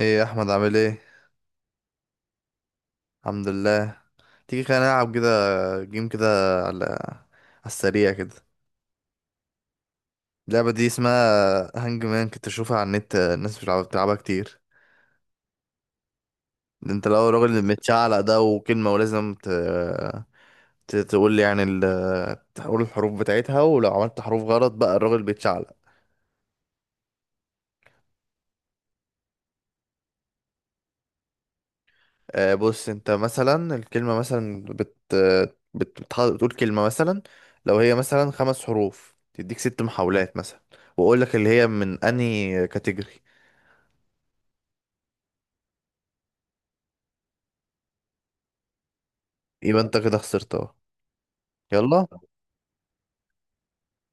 ايه يا احمد؟ عامل ايه؟ الحمد لله. تيجي خلينا نلعب كده، جيم كده، على السريع كده. اللعبه دي اسمها هانج مان، كنت اشوفها على النت، الناس مش بتلعب- بتلعبها كتير. ده انت لو الراجل اللي متشعلق ده وكلمه ولازم تقول لي، يعني تقول الحروف بتاعتها، ولو عملت حروف غلط بقى الراجل بيتشعلق. آه، بص انت مثلا الكلمة مثلا بتقول كلمة مثلا، لو هي مثلا خمس حروف تديك ست محاولات مثلا، واقول لك اللي هي من انهي كاتيجوري. يبقى انت كده خسرت اهو. يلا،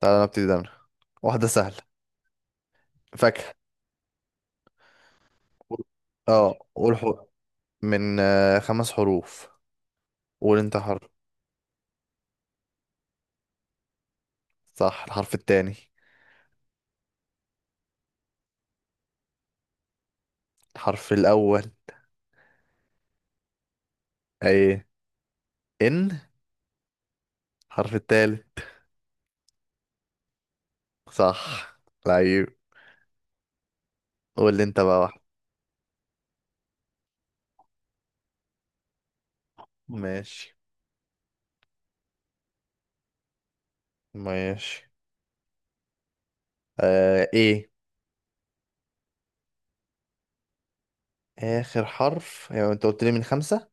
تعالى نبتدي ده. واحدة سهلة، فاكهة. اه، قول حرف. من آه، خمس حروف. قول انت حرف. صح، الحرف التاني. الحرف الاول. ايه؟ ان. الحرف التالت. صح، لعيب. قول لي انت بقى واحد. ماشي. ماشي آه ايه. اخر حرف؟ يعني انت قلت لي من خمسة.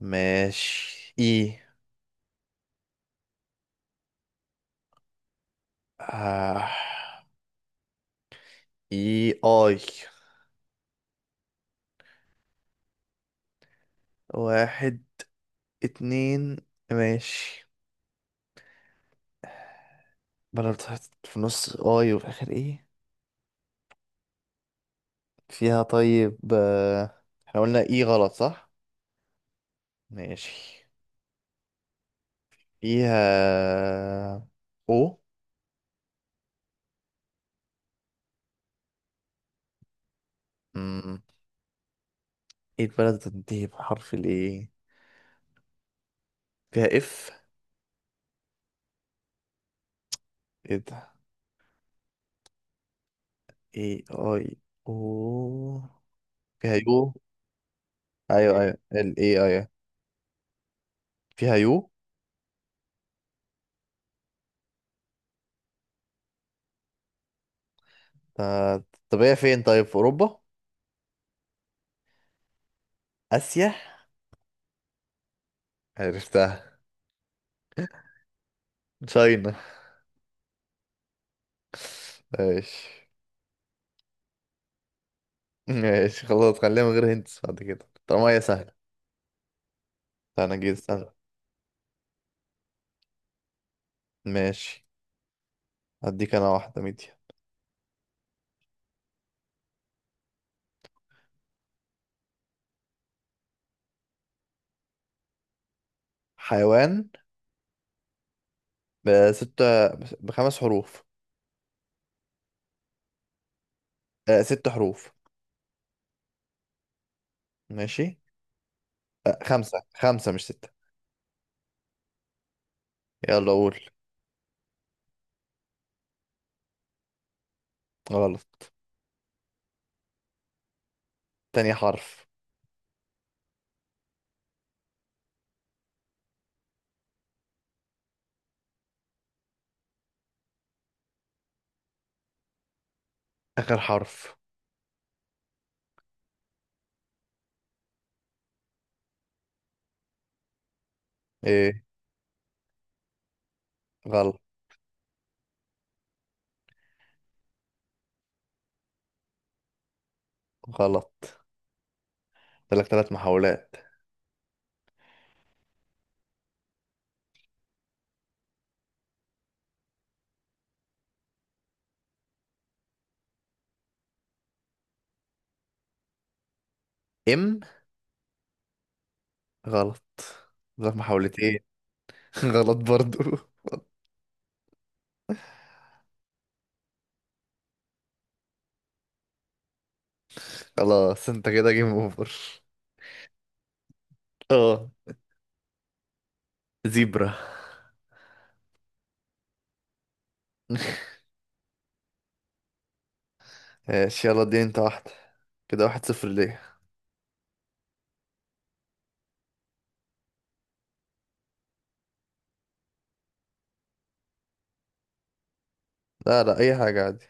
ماشي ايه. آه. ايه اي. واحد، اتنين. ماشي. بلد في النص اي وفي اخر ايه. فيها طيب آه. احنا قلنا ايه غلط، صح؟ ماشي. فيها او. مم. ايه البلد بتنتهي بحرف الايه. فيها اف. ايه ده؟ ايه اي. او. فيها يو. ايوه ايوه، ال اي اي. فيها يو. آه، طب هي فين؟ طيب في اوروبا؟ اسيا. عرفتها، تشاينا. ماشي. ماشي خلاص، خليها من غير هنتس بعد كده طالما هي سهلة. انا جيت استنى. ماشي، هديك انا واحدة ميديا. حيوان. بستة، بخمس حروف. آه ست حروف. ماشي. آه، خمسة خمسة مش ستة. يلا قول. غلط. تاني حرف. آخر حرف. ايه؟ غلط. غلط. لك ثلاث محاولات. ام. غلط، لك محاولتين. غلط برضو. خلاص انت كده جيم اوفر. اه، زيبرا. ماشي، يلا اديني انت واحدة. كده واحد صفر ليه. لا لا، اي حاجة عادي.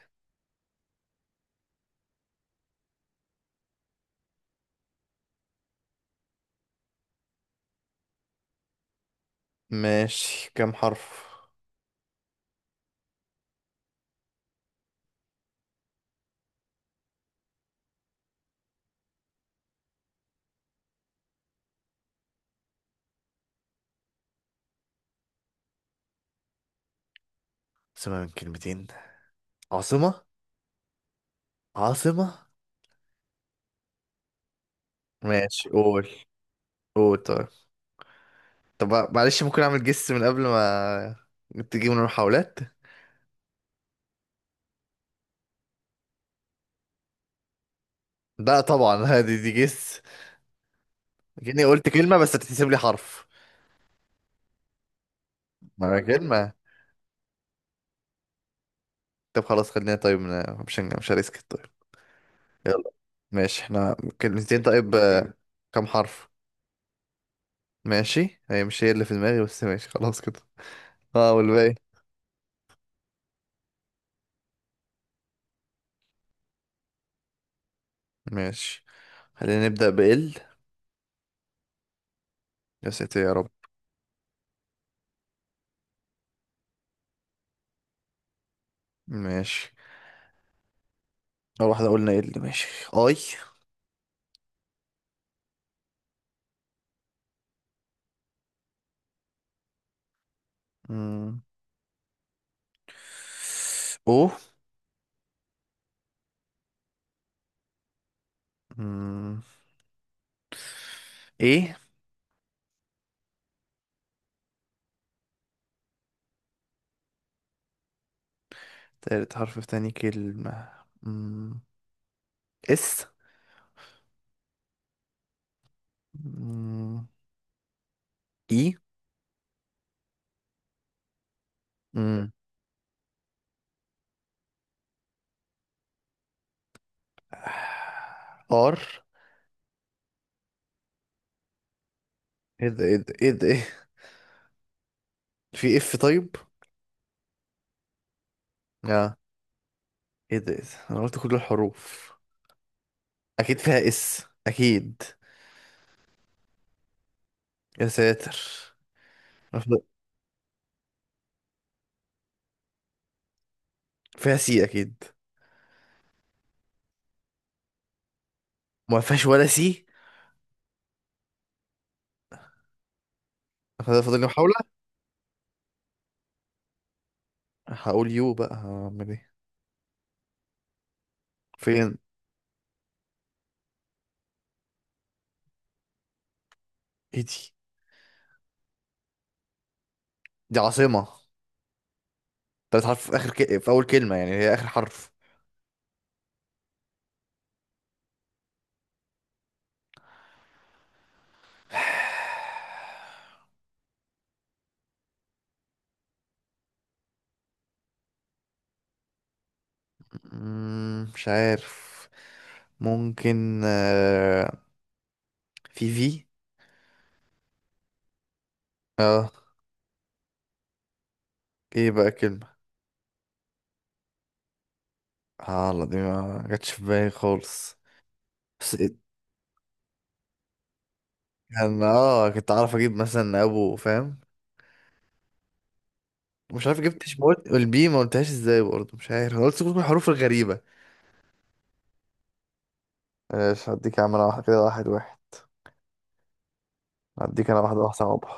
ماشي، كام حرف؟ عاصمة من كلمتين. عاصمة. عاصمة. ماشي قول. قول طيب. طب معلش، ممكن اعمل جس من قبل ما تجيب من المحاولات؟ لا طبعا. هذه دي جس، كأني قلت كلمة بس هتتحسب لي حرف. ما هي كلمة. طب خلاص، خلينا طيب مش هريسك طيب. يلا. ماشي، احنا كلمتين طيب آه، كم حرف؟ ماشي، هي مش هي اللي في دماغي بس ماشي خلاص كده. اه، والباقي؟ ماشي. خلينا نبدأ بال. يا ساتر يا رب. ماشي، اول واحدة قلنا ال ماشي. اي. مم. او. مم. ايه. تالت حرف في تاني كلمة. مم. اس. مم. اي. مم. ار. ايه ده، ايه ده، ايه ده، ايه. في اف طيب. اه. ايه ده، ايه ده، انا قلت كل الحروف. اكيد فيها اس، اكيد. يا ساتر. مف- فيها سي اكيد. ما فيهاش ولا سي. فده فاضل لي محاولة. هقول يو بقى، هعمل ايه. فين؟ ايه دي؟ دي عاصمة. تلات حرف في اول كلمة، يعني هي اخر حرف. مم، مش عارف. ممكن آه، في. اه. ايه بقى كلمة؟ اه لا، دي ما جاتش في بالي خالص. بس إيه، كان اه، كنت اعرف اجيب مثلا ابو، فاهم؟ مش عارف جبتش ما قلت، والبي ما قلتهاش ازاي برضه، مش عارف، انا قلت كل الحروف الغريبة. ماشي، هديك يا عم، انا واحد كده، واحد واحد. هديك انا واحدة واحدة صعبة.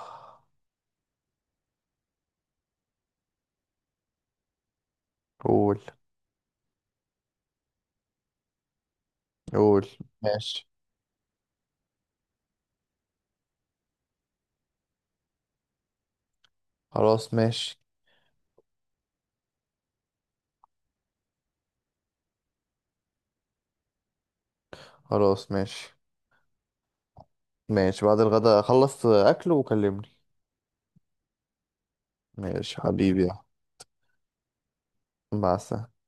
قول. قول. ماشي. خلاص ماشي. خلاص ماشي. ماشي بعد الغداء، خلص اكل وكلمني. ماشي حبيبي يا عم. مع السلامة.